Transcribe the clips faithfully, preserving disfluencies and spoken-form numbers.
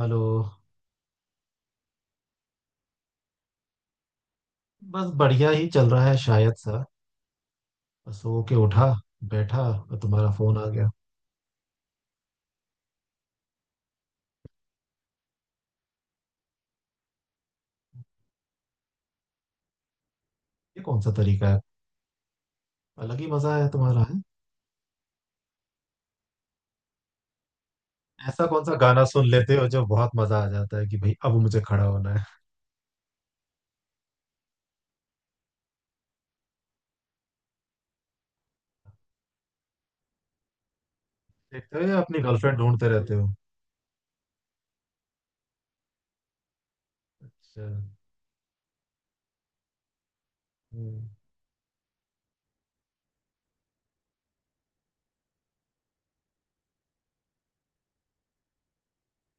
Hello. बस बढ़िया ही चल रहा है शायद। सा सो के उठा बैठा और तुम्हारा फोन आ गया। ये कौन सा तरीका है? अलग ही मजा है तुम्हारा है। ऐसा कौन सा गाना सुन लेते हो जो बहुत मजा आ जाता है कि भाई अब मुझे खड़ा होना है? देखते हो या अपनी गर्लफ्रेंड ढूंढते रहते हो? अच्छा। हम्म।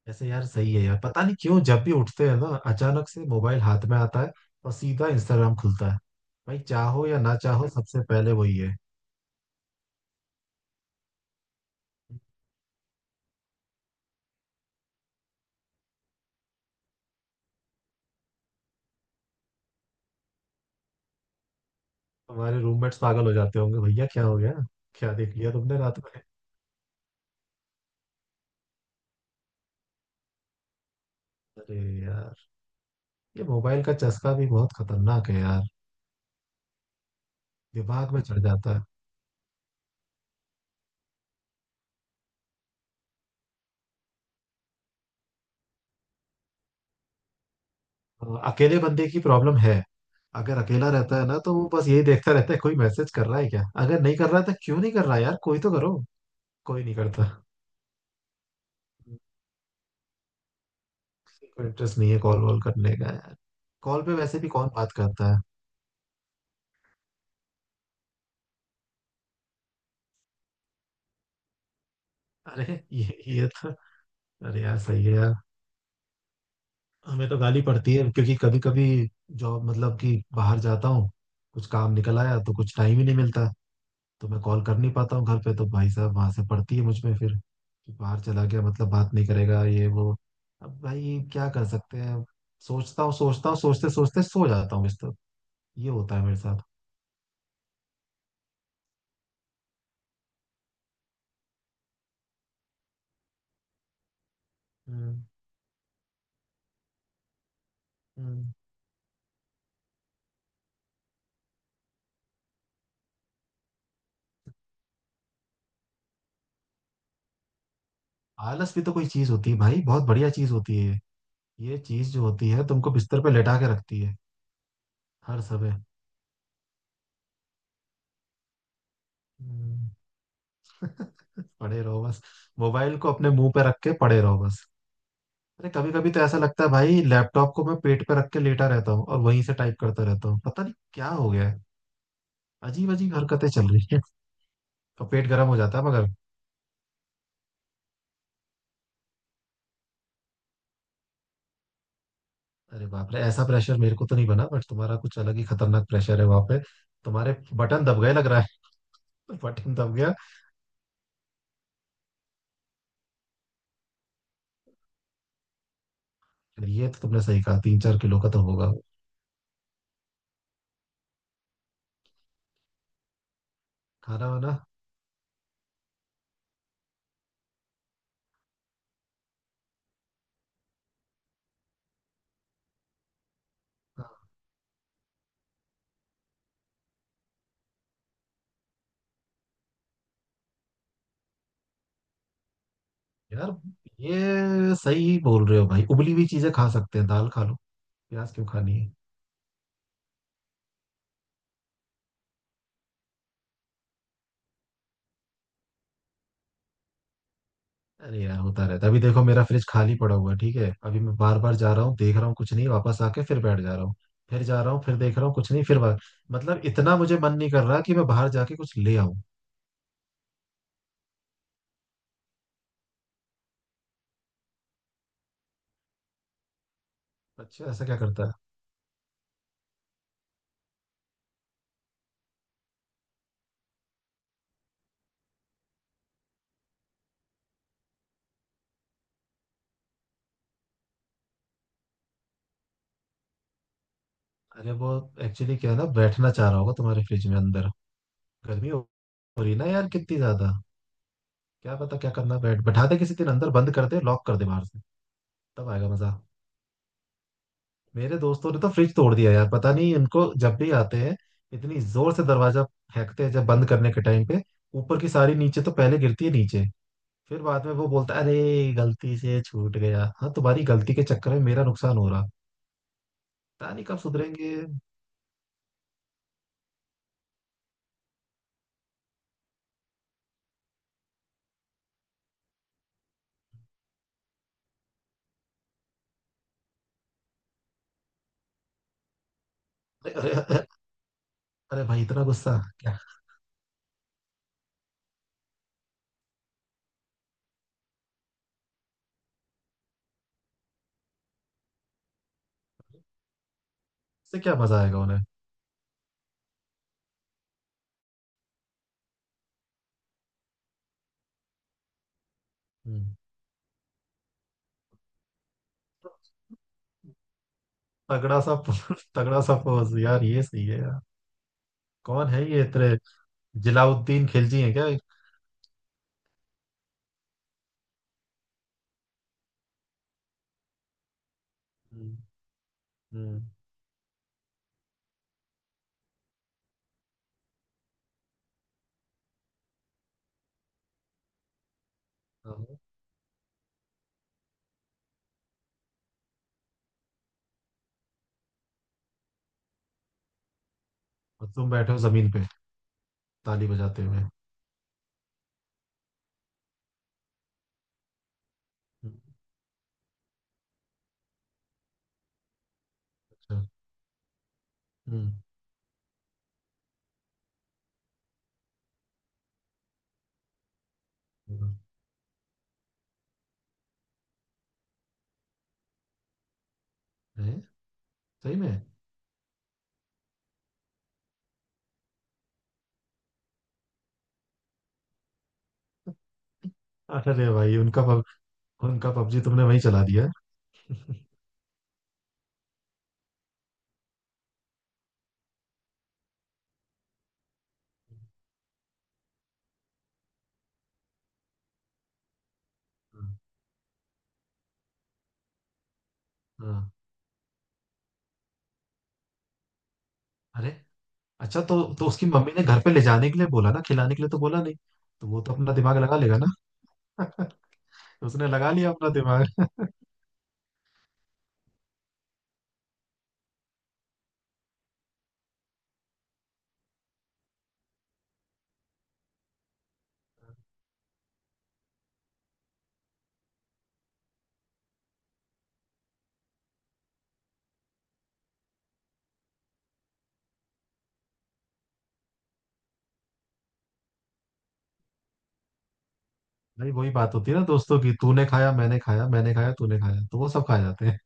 ऐसे यार सही है यार, पता नहीं क्यों जब भी उठते हैं ना अचानक से मोबाइल हाथ में आता है, और सीधा इंस्टाग्राम खुलता है। भाई चाहो या ना चाहो सबसे पहले वही है। तुम्हारे रूममेट्स पागल हो जाते होंगे, भैया क्या हो गया, क्या देख लिया तुमने रात? अरे यार, ये मोबाइल का चस्का भी बहुत खतरनाक है यार, दिमाग में चढ़ जाता है। अ, अकेले बंदे की प्रॉब्लम है। अगर अकेला रहता है ना तो वो बस यही देखता रहता है, कोई मैसेज कर रहा है क्या, अगर नहीं कर रहा है तो क्यों नहीं कर रहा है यार, कोई तो करो। कोई नहीं करता। किसी को इंटरेस्ट नहीं है कॉल वॉल करने का यार। कॉल पे वैसे भी कौन बात करता है? अरे ये ये तो, अरे यार सही है यार। हमें तो गाली पड़ती है क्योंकि कभी कभी जॉब मतलब कि बाहर जाता हूँ, कुछ काम निकल आया तो कुछ टाइम ही नहीं मिलता, तो मैं कॉल कर नहीं पाता हूँ घर पे, तो भाई साहब वहां से पड़ती है मुझ में फिर कि बाहर चला गया मतलब बात नहीं करेगा ये वो। अब भाई क्या कर सकते हैं अब, सोचता हूँ सोचता हूँ सोचते सोचते सो जाता हूँ इस तरह। ये होता है मेरे साथ। हम्म। हम्म। आलस भी तो कोई चीज होती है भाई, बहुत बढ़िया चीज होती है। ये ये चीज जो होती है तुमको बिस्तर पे लेटा के रखती है हर समय। हम्म। पड़े रहो बस। मोबाइल को अपने मुंह पे रख के पड़े रहो बस। अरे कभी कभी तो ऐसा लगता है भाई लैपटॉप को मैं पेट पे रख के लेटा रहता हूँ, और वहीं से टाइप करता रहता हूँ, पता नहीं क्या हो गया है। अजीब अजीब हरकतें चल रही हैं। और पेट गर्म हो जाता है मगर। अरे बाप रे, ऐसा प्रेशर मेरे को तो नहीं बना, बट तुम्हारा कुछ अलग ही खतरनाक प्रेशर है वहां पे। तुम्हारे बटन दब गए लग रहा है। बटन दब गया। ये तो तुमने सही कहा, तीन चार किलो का तो होगा वो। खाना वाना। हाँ, यार ये सही बोल रहे हो भाई, उबली हुई चीजें खा सकते हैं, दाल खा लो। प्याज क्यों खानी है? अरे यार होता रहता है, अभी देखो मेरा फ्रिज खाली पड़ा हुआ है, ठीक है, अभी मैं बार बार जा रहा हूँ देख रहा हूँ कुछ नहीं, वापस आके फिर बैठ जा रहा हूँ। फिर जा रहा हूँ फिर देख रहा हूँ कुछ नहीं फिर बाहर। मतलब इतना मुझे मन नहीं कर रहा कि मैं बाहर जाके कुछ ले आऊँ। अच्छा ऐसा क्या करता है? अरे वो एक्चुअली क्या है ना, बैठना चाह रहा होगा तुम्हारे फ्रिज में अंदर। गर्मी हो हो रही है ना यार कितनी ज्यादा। क्या पता क्या करना, बैठ बैठा दे किसी दिन अंदर, बंद कर दे, लॉक कर दे बाहर से। तब आएगा मजा। मेरे दोस्तों ने तो फ्रिज तोड़ दिया यार, पता नहीं इनको, जब भी आते हैं इतनी जोर से दरवाजा फेंकते हैं जब बंद करने के टाइम पे। ऊपर की सारी नीचे तो पहले गिरती है नीचे, फिर बाद में वो बोलता है अरे गलती से छूट गया। हाँ, तुम्हारी गलती के चक्कर में मेरा नुकसान हो रहा, पता नहीं कब सुधरेंगे। अरे अरे अरे, अरे भाई इतना गुस्सा क्या? इससे क्या मजा आएगा उन्हें? हम्म। तगड़ा सा पोज, तगड़ा सा पोज यार ये सही है यार। कौन है ये इतने, जलाउद्दीन खिलजी है क्या? हम्म। हम्म। हाँ। और तुम बैठे हो जमीन पे ताली बजाते हुए। हम्म। अच्छा। हम्म। हम्म। है सही में। अरे भाई उनका पब, उनका पबजी तुमने वहीं चला दिया है। हाँ। हाँ। अरे अच्छा, तो तो उसकी मम्मी ने घर पे ले जाने के लिए बोला ना, खिलाने के लिए तो बोला नहीं, तो वो तो अपना दिमाग लगा लेगा ना। उसने लगा लिया अपना दिमाग। भाई वही बात होती है ना दोस्तों की, तूने खाया मैंने खाया, मैंने खाया तूने खाया, तो वो सब खा जाते हैं।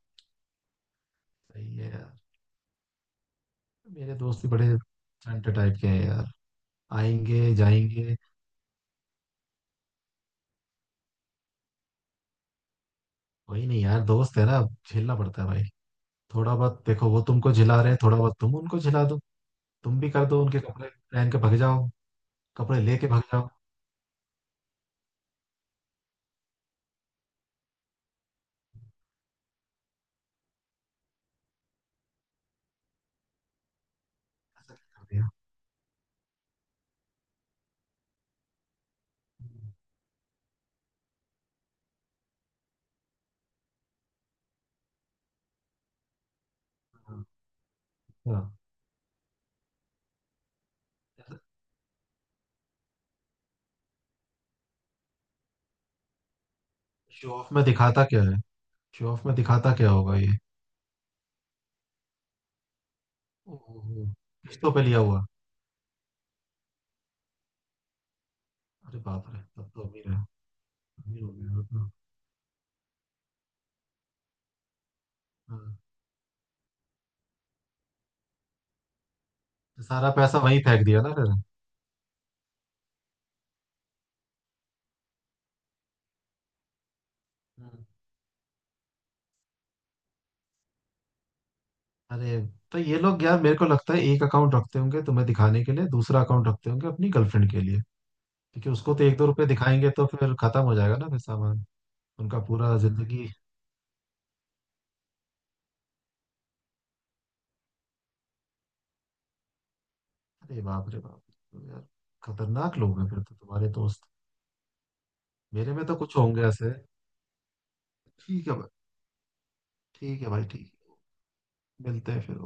सही है यार। मेरे दोस्त भी बड़े चंटे टाइप के हैं यार, आएंगे जाएंगे। वही नहीं यार, दोस्त है ना, झेलना पड़ता है भाई। थोड़ा बहुत देखो वो तुमको झिला रहे हैं, थोड़ा बहुत तुम उनको झिला दो। तुम भी कर दो, उनके कपड़े पहन के भाग जाओ, कपड़े लेके भाग जाओ। हाँ। शो ऑफ में दिखाता क्या है? शो ऑफ में दिखाता क्या होगा ये? ओहो, किस्तों पे लिया हुआ। अरे बाप रे, तब तो अमीर है। अमीर हो गया होगा। हाँ। तो सारा पैसा वहीं फेंक दिया ना फिर। हम्म। अरे तो ये लोग यार मेरे को लगता है एक अकाउंट रखते होंगे तुम्हें दिखाने के लिए, दूसरा अकाउंट रखते होंगे अपनी गर्लफ्रेंड के लिए। क्योंकि उसको तो एक दो रुपए दिखाएंगे तो फिर खत्म हो जाएगा ना फिर सामान, उनका पूरा जिंदगी। अरे बाप रे बाप। तो यार खतरनाक लोग हैं फिर तो तुम्हारे दोस्त। मेरे में तो कुछ होंगे ऐसे। ठीक है भाई। ठीक है भाई। ठीक है, मिलते हैं फिर।